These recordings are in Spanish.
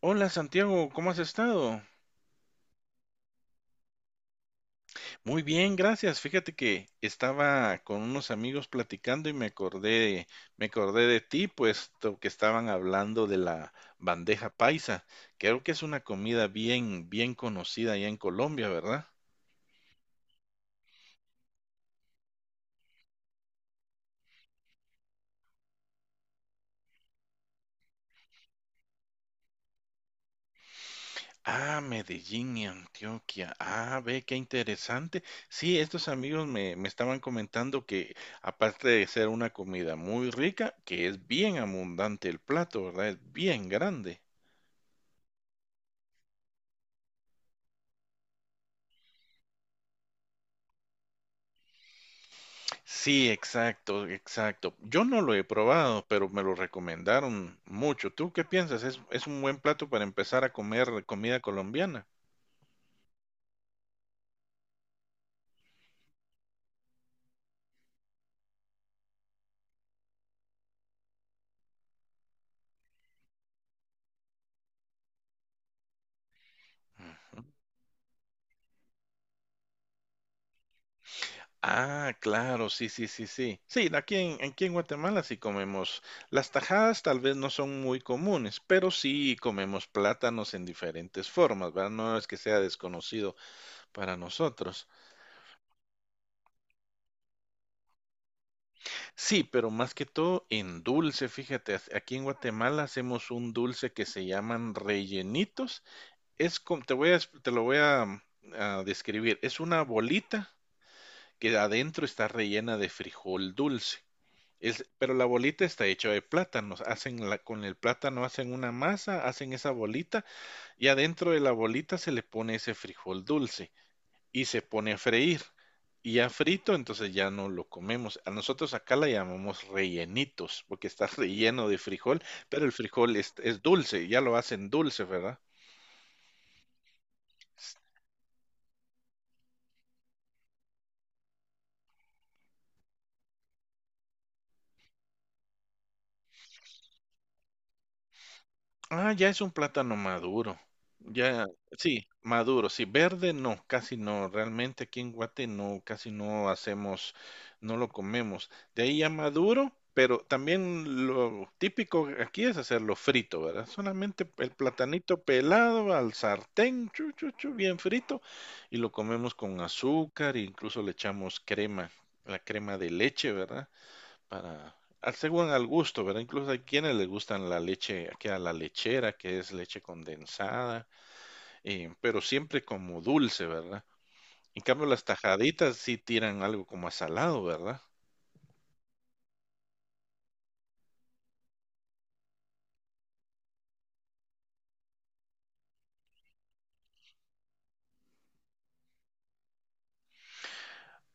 Hola Santiago, ¿cómo has estado? Muy bien, gracias. Fíjate que estaba con unos amigos platicando y me acordé de ti, puesto que estaban hablando de la bandeja paisa. Creo que es una comida bien, bien conocida allá en Colombia, ¿verdad? Ah, Medellín y Antioquia. Ah, ve, qué interesante. Sí, estos amigos me estaban comentando que aparte de ser una comida muy rica, que es bien abundante el plato, ¿verdad? Es bien grande. Sí, exacto, exacto. Yo no lo he probado, pero me lo recomendaron mucho. ¿Tú qué piensas? ¿Es un buen plato para empezar a comer comida colombiana? Ujú. Ah, claro, sí, sí, sí, sí. Sí, aquí en Guatemala sí comemos. Las tajadas tal vez no son muy comunes, pero sí comemos plátanos en diferentes formas, ¿verdad? No es que sea desconocido para nosotros. Sí, pero más que todo en dulce, fíjate, aquí en Guatemala hacemos un dulce que se llaman rellenitos. Es como, te lo voy a, a describir. Es una bolita que adentro está rellena de frijol dulce. Es, pero la bolita está hecha de plátanos. Hacen la, con el plátano hacen una masa, hacen esa bolita y adentro de la bolita se le pone ese frijol dulce y se pone a freír. Y ya frito, entonces ya no lo comemos. A nosotros acá la llamamos rellenitos, porque está relleno de frijol, pero el frijol es dulce, ya lo hacen dulce, ¿verdad? Ah, ya es un plátano maduro. Ya, sí, maduro, sí, verde no, casi no, realmente aquí en Guate no, casi no hacemos, no lo comemos. De ahí ya maduro, pero también lo típico aquí es hacerlo frito, ¿verdad? Solamente el platanito pelado al sartén, chu, chu, chu, bien frito, y lo comemos con azúcar, e incluso le echamos crema, la crema de leche, ¿verdad? Para, según al gusto, ¿verdad? Incluso hay quienes les gustan la leche, que a la lechera, que es leche condensada, pero siempre como dulce, ¿verdad? En cambio, las tajaditas sí tiran algo como a salado, ¿verdad?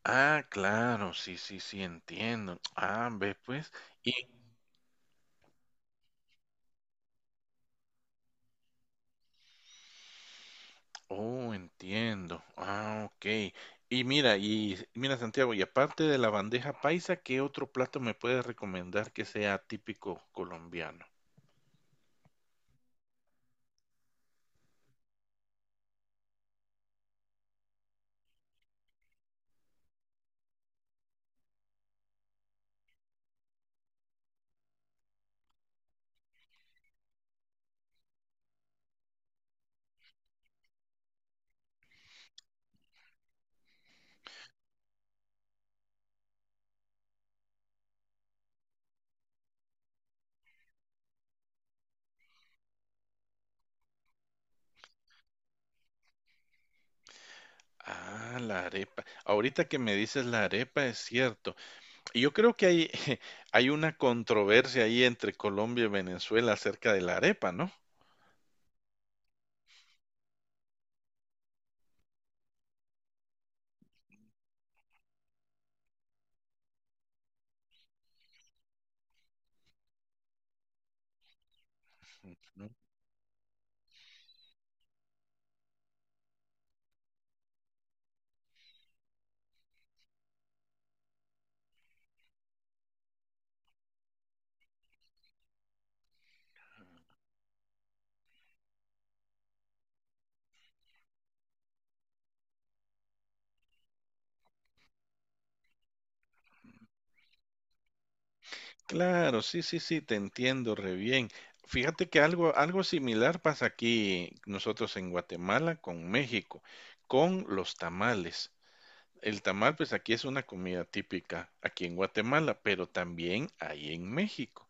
Ah, claro, sí, sí, sí, entiendo. Ah, ve pues. Y, oh, entiendo. Ah, ok. Y mira, Santiago, y aparte de la bandeja paisa, ¿qué otro plato me puedes recomendar que sea típico colombiano? Ah, la arepa. Ahorita que me dices la arepa, es cierto. Y yo creo que hay, hay una controversia ahí entre Colombia y Venezuela acerca de la arepa, ¿no? ¿No? Claro, sí, sí, sí, te entiendo re bien. Fíjate que algo, algo similar pasa aquí nosotros en Guatemala con México, con los tamales. El tamal, pues aquí es una comida típica, aquí en Guatemala, pero también ahí en México.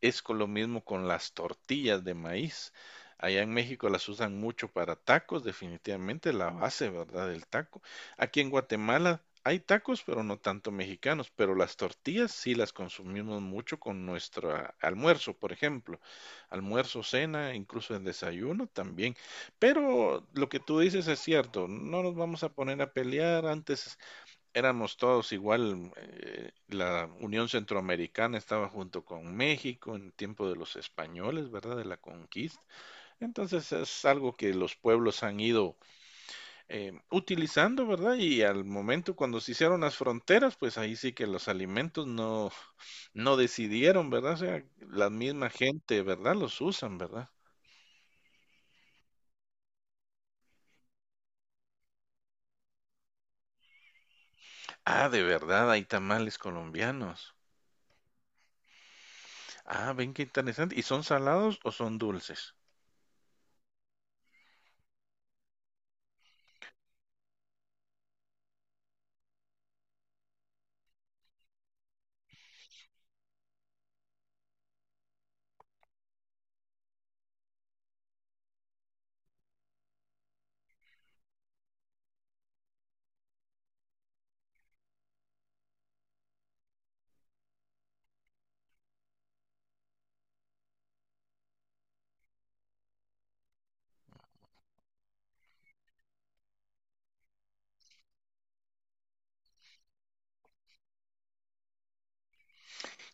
Es con lo mismo con las tortillas de maíz. Allá en México las usan mucho para tacos, definitivamente la base, ¿verdad? Del taco. Aquí en Guatemala hay tacos, pero no tanto mexicanos, pero las tortillas sí las consumimos mucho con nuestro almuerzo, por ejemplo. Almuerzo, cena, incluso el desayuno también. Pero lo que tú dices es cierto, no nos vamos a poner a pelear antes éramos todos igual, la Unión Centroamericana estaba junto con México en tiempo de los españoles, ¿verdad? De la conquista. Entonces es algo que los pueblos han ido utilizando, ¿verdad? Y al momento cuando se hicieron las fronteras, pues ahí sí que los alimentos no decidieron, ¿verdad? O sea, la misma gente, ¿verdad? Los usan, ¿verdad? Ah, de verdad, hay tamales colombianos. Ah, ven qué interesante. ¿Y son salados o son dulces?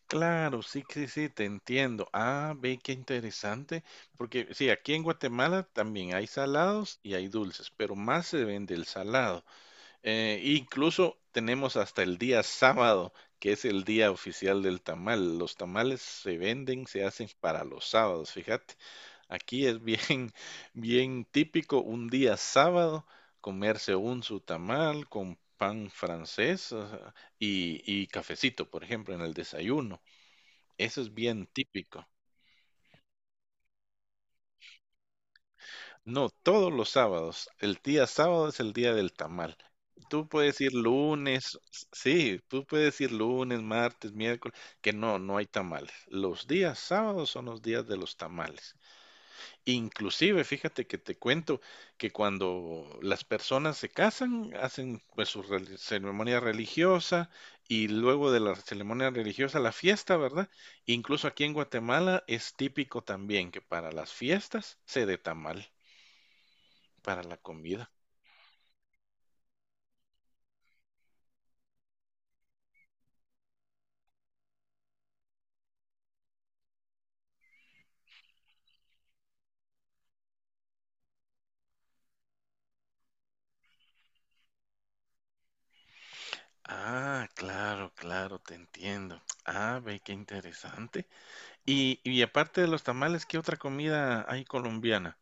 Claro, sí, sí, sí, te entiendo. Ah, ve qué interesante, porque sí, aquí en Guatemala también hay salados y hay dulces, pero más se vende el salado. Incluso tenemos hasta el día sábado, que es el día oficial del tamal. Los tamales se venden, se hacen para los sábados, fíjate. Aquí es bien, bien típico un día sábado comerse un su tamal con pan francés, ajá, y cafecito, por ejemplo, en el desayuno. Eso es bien típico. No, todos los sábados. El día sábado es el día del tamal. Tú puedes ir lunes, s- sí, tú puedes ir lunes, martes, miércoles, que no hay tamales. Los días sábados son los días de los tamales. Inclusive, fíjate que te cuento que cuando las personas se casan, hacen pues ceremonia religiosa y luego de la ceremonia religiosa la fiesta, ¿verdad? Incluso aquí en Guatemala es típico también que para las fiestas se dé tamal para la comida. Ah, claro, claro, te entiendo. Ah, ve, qué interesante. Y aparte de los tamales, ¿qué otra comida hay colombiana?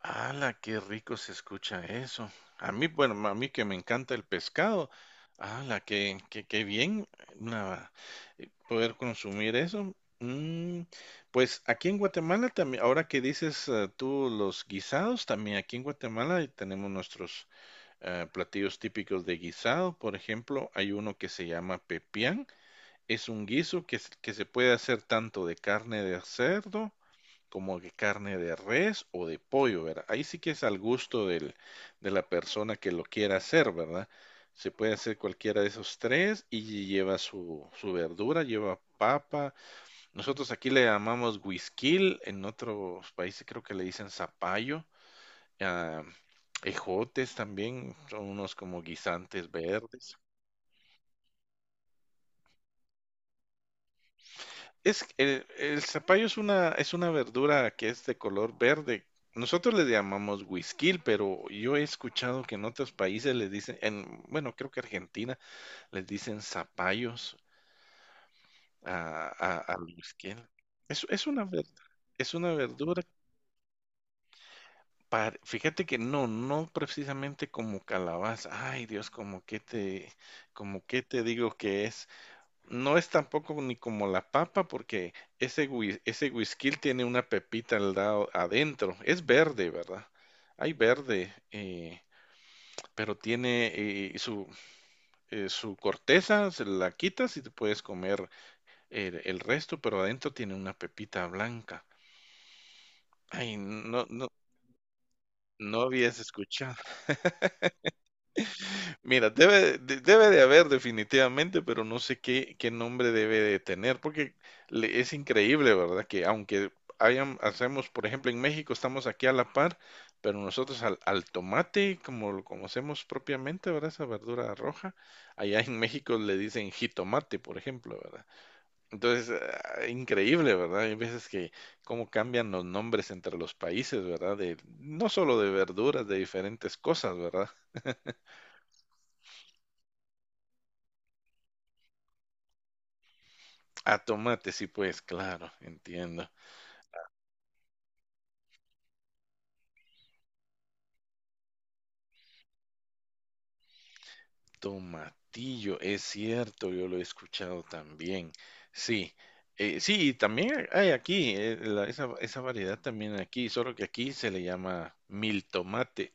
¡Hala, qué rico se escucha eso! A mí, bueno, a mí que me encanta el pescado. ¡Hala, qué bien una- poder consumir eso! Mm, pues aquí en Guatemala también, ahora que dices tú los guisados, también aquí en Guatemala tenemos nuestros platillos típicos de guisado. Por ejemplo, hay uno que se llama pepián. Es un guiso que se puede hacer tanto de carne de cerdo como que carne de res o de pollo, ¿verdad? Ahí sí que es al gusto del, de la persona que lo quiera hacer, ¿verdad? Se puede hacer cualquiera de esos tres y lleva su, su verdura, lleva papa. Nosotros aquí le llamamos guisquil, en otros países creo que le dicen zapallo. Ah, ejotes también, son unos como guisantes verdes. El zapallo es una verdura que es de color verde. Nosotros le llamamos huisquil, pero yo he escuchado que en otros países les dicen, en, bueno, creo que Argentina les dicen zapallos al güisquil. Es, es una ver- es una verdura. Fíjate que no, no precisamente como calabaza. Ay, Dios, como que te digo que es. No es tampoco ni como la papa porque ese whisky tiene una pepita al lado adentro. Es verde, ¿verdad? Hay verde, pero tiene su corteza, se la quitas y te puedes comer el resto, pero adentro tiene una pepita blanca. Ay, no, no, no habías escuchado. Mira, debe de haber definitivamente, pero no sé qué, qué nombre debe de tener, porque es increíble, ¿verdad? Que aunque hayan, hacemos, por ejemplo, en México estamos aquí a la par, pero nosotros al tomate, como lo conocemos propiamente, ¿verdad? Esa verdura roja, allá en México le dicen jitomate, por ejemplo, ¿verdad? Entonces, ah, increíble, ¿verdad? Hay veces que cómo cambian los nombres entre los países, ¿verdad? De, no solo de verduras, de diferentes cosas, ¿verdad? A tomate, sí, pues claro, entiendo. Tomatillo, es cierto, yo lo he escuchado también. Sí, sí, y también hay aquí, esa, esa variedad también aquí, solo que aquí se le llama mil tomate.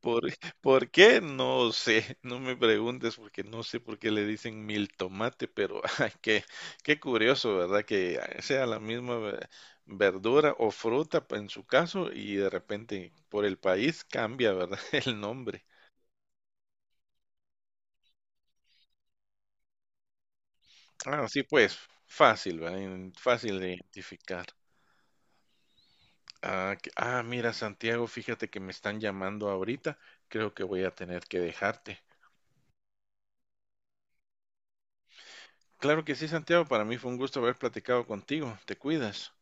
¿Por, por qué? No sé, no me preguntes porque no sé por qué le dicen mil tomate, pero ay, qué curioso, ¿verdad? Que sea la misma verdura o fruta en su caso y de repente por el país cambia, ¿verdad? El nombre. Ah, sí, pues fácil, ¿verdad? Fácil de identificar. Ah, mira, Santiago, fíjate que me están llamando ahorita. Creo que voy a tener que dejarte. Claro que sí, Santiago, para mí fue un gusto haber platicado contigo. Te cuidas.